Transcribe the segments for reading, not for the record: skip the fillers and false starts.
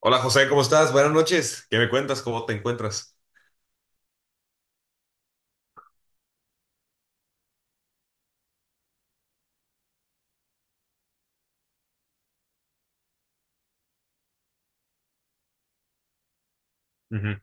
Hola José, ¿cómo estás? Buenas noches. ¿Qué me cuentas? ¿Cómo te encuentras? Ujú.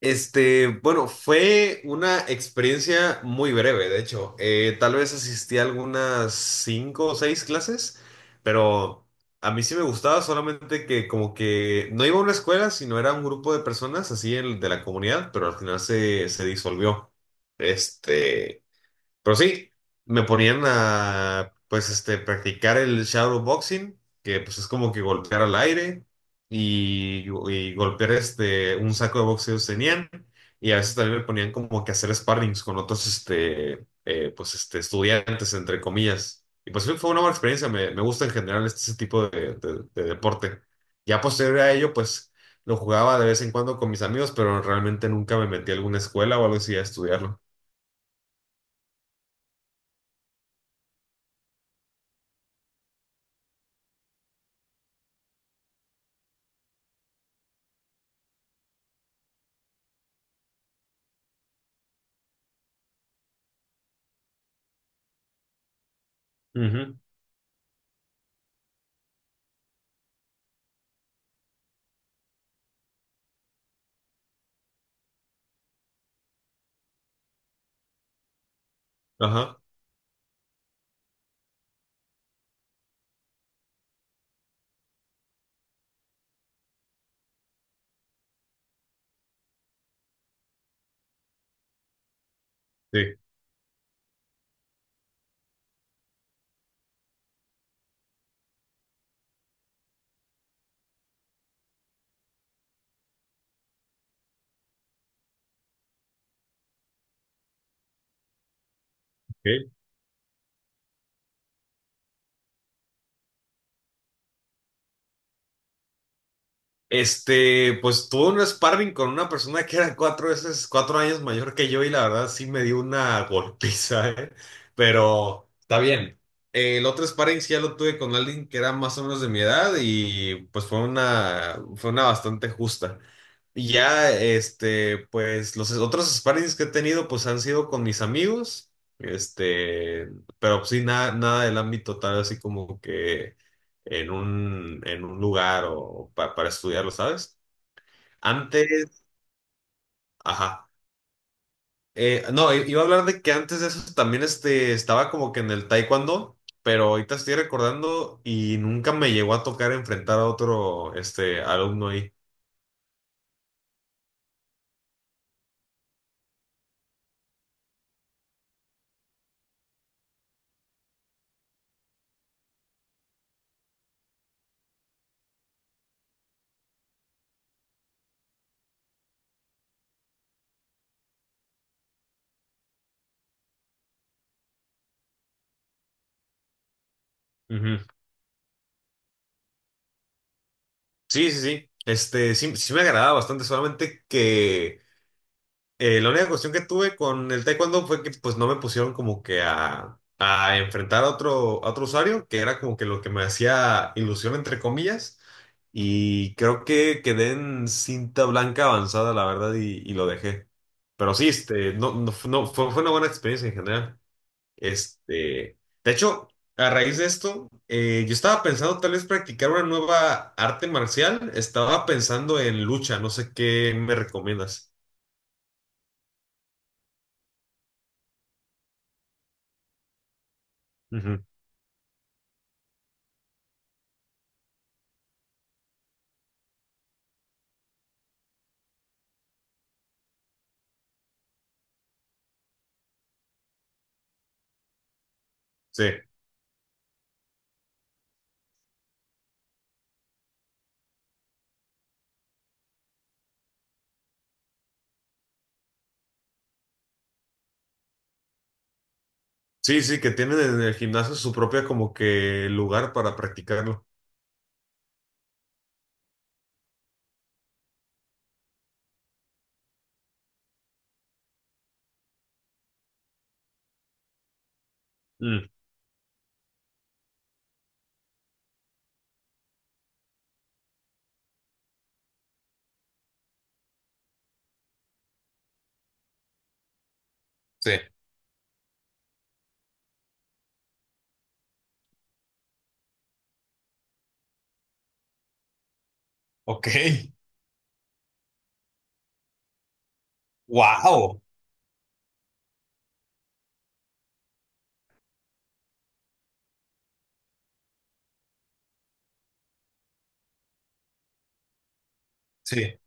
Este, bueno, fue una experiencia muy breve, de hecho. Tal vez asistí a algunas 5 o 6 clases, pero a mí sí me gustaba, solamente que como que no iba a una escuela, sino era un grupo de personas así de la comunidad, pero al final se disolvió. Este, Pero sí, me ponían a, pues, practicar el shadowboxing, que pues es como que golpear al aire y, y golpear un saco de boxeo que tenían. Y a veces también me ponían como que hacer sparrings con otros, estudiantes, entre comillas. Y pues sí, fue una buena experiencia, me gusta en general ese tipo de, de deporte. Ya posterior a ello, pues, lo jugaba de vez en cuando con mis amigos, pero realmente nunca me metí a alguna escuela o algo así a estudiarlo. Ujú. Ajá, sí. Ok. Este, pues tuve un sparring con una persona que era cuatro años mayor que yo y la verdad sí me dio una golpiza, ¿eh? Pero está bien. El otro sparring sí ya lo tuve con alguien que era más o menos de mi edad y pues fue fue una bastante justa. Y ya, pues los otros sparrings que he tenido, pues han sido con mis amigos, este, pero pues, sí, nada, nada del ámbito tal, así como que en en un lugar o para estudiarlo, ¿sabes? Antes, ajá. No, iba a hablar de que antes de eso también estaba como que en el taekwondo, pero ahorita estoy recordando y nunca me llegó a tocar enfrentar a otro, alumno ahí. Ujú. Sí, sí, sí. Este, sí, sí me agradaba bastante, solamente que la única cuestión que tuve con el taekwondo fue que pues no me pusieron como que a enfrentar a otro usuario, que era como que lo que me hacía ilusión entre comillas, y creo que quedé en cinta blanca avanzada, la verdad, y lo dejé. Pero sí, este, no, no, fu- no, fue, fue una buena experiencia en general. Este, de hecho, a raíz de esto, yo estaba pensando tal vez practicar una nueva arte marcial. Estaba pensando en lucha, no sé qué me recomiendas. Ujú. Sí, sí, sí, que tienen en el gimnasio su propia como que lugar para practicarlo. Mm, sí. Ok. Wow. Sí.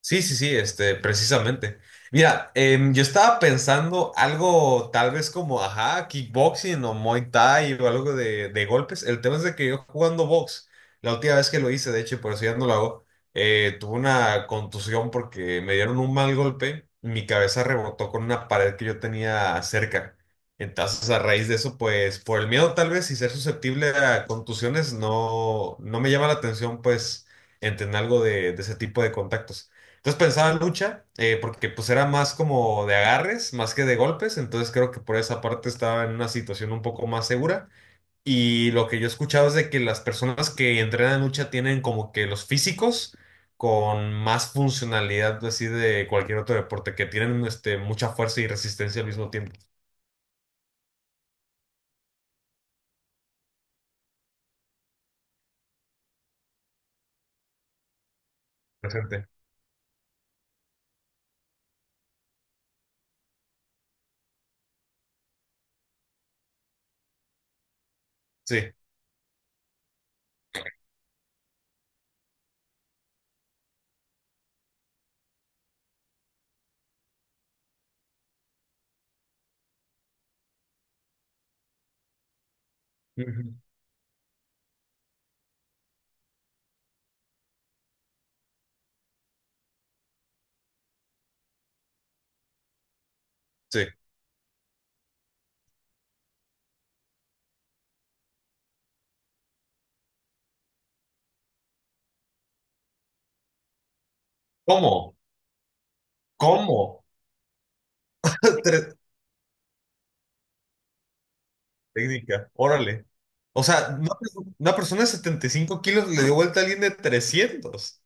Sí, sí, sí, precisamente. Mira, yo estaba pensando algo tal vez como, ajá, kickboxing o Muay Thai o algo de golpes. El tema es de que yo jugando box, la última vez que lo hice, de hecho, y por eso ya no lo hago, tuve una contusión porque me dieron un mal golpe, mi cabeza rebotó con una pared que yo tenía cerca. Entonces, a raíz de eso, pues, por el miedo tal vez y ser susceptible a contusiones, no, no me llama la atención, pues, entender algo de ese tipo de contactos. Entonces pensaba en lucha, porque pues era más como de agarres, más que de golpes, entonces creo que por esa parte estaba en una situación un poco más segura. Y lo que yo he escuchado es de que las personas que entrenan lucha tienen como que los físicos con más funcionalidad así de cualquier otro deporte, que tienen mucha fuerza y resistencia al mismo tiempo. Presente. Sí. Ujú. Sí. ¿Cómo? ¿Cómo? Tres, Técnica, órale. O sea, una persona de 75 kilos le dio vuelta a alguien de 300.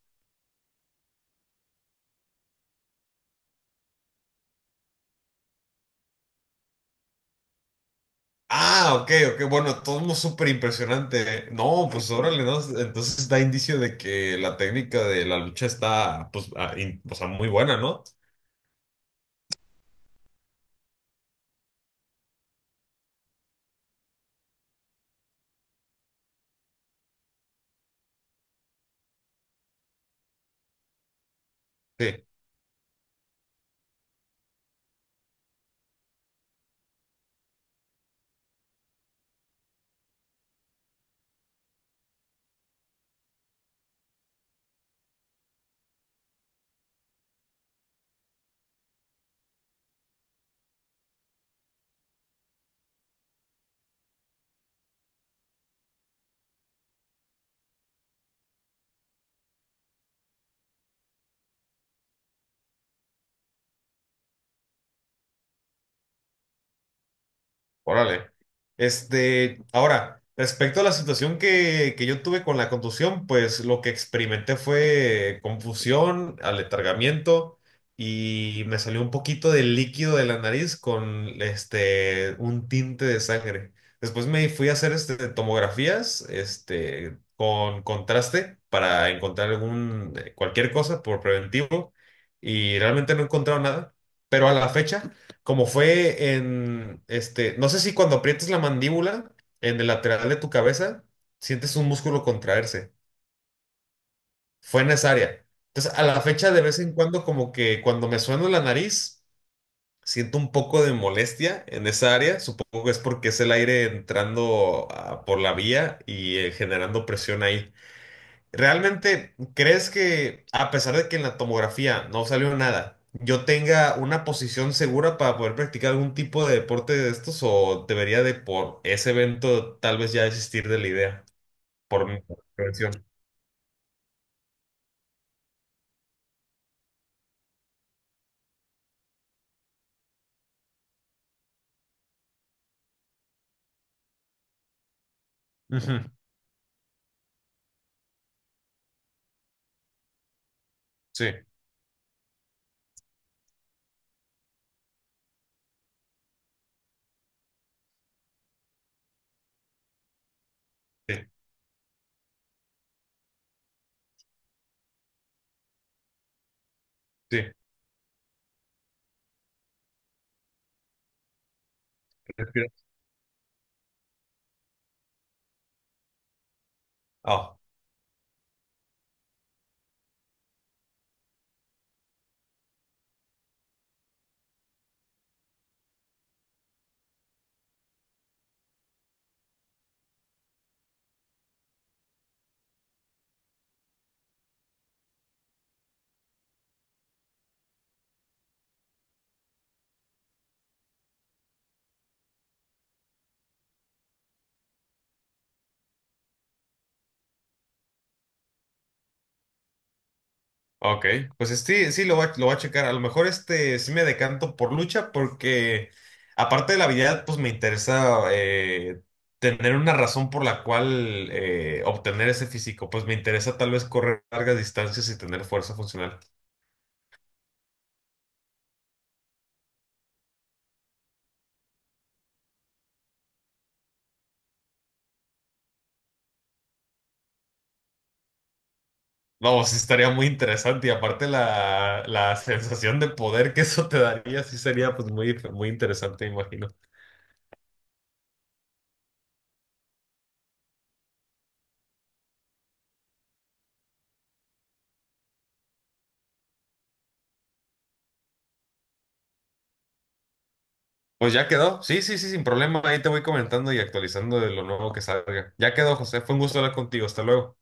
Ah, ok, ok, bueno, todo súper impresionante. No, pues órale, ¿no? Entonces da indicio de que la técnica de la lucha está, pues, o sea, muy buena, ¿no? Sí. Órale. Este, ahora, respecto a la situación que yo tuve con la contusión, pues lo que experimenté fue confusión, aletargamiento y me salió un poquito de líquido de la nariz con un tinte de sangre. Después me fui a hacer tomografías con contraste para encontrar algún, cualquier cosa por preventivo y realmente no he encontrado nada, pero a la fecha como fue en, no sé si cuando aprietas la mandíbula en el lateral de tu cabeza, sientes un músculo contraerse. Fue en esa área. Entonces, a la fecha, de vez en cuando, como que cuando me sueno la nariz, siento un poco de molestia en esa área. Supongo que es porque es el aire entrando por la vía y generando presión ahí. ¿Realmente crees que a pesar de que en la tomografía no salió nada, yo tenga una posición segura para poder practicar algún tipo de deporte de estos o debería de por ese evento tal vez ya desistir de la idea por mi prevención? Ujú, sí, sí, sí. Respira. Ah. Ok, pues sí, lo voy a checar. A lo mejor sí me decanto por lucha porque aparte de la habilidad, pues me interesa tener una razón por la cual obtener ese físico. Pues me interesa tal vez correr largas distancias y tener fuerza funcional. No, sí estaría muy interesante y aparte la sensación de poder que eso te daría sí sería pues muy, muy interesante, me imagino. Pues ya quedó. Sí, sí, sí, sin problema. Ahí te voy comentando y actualizando de lo nuevo que salga. Ya quedó, José. Fue un gusto hablar contigo. Hasta luego.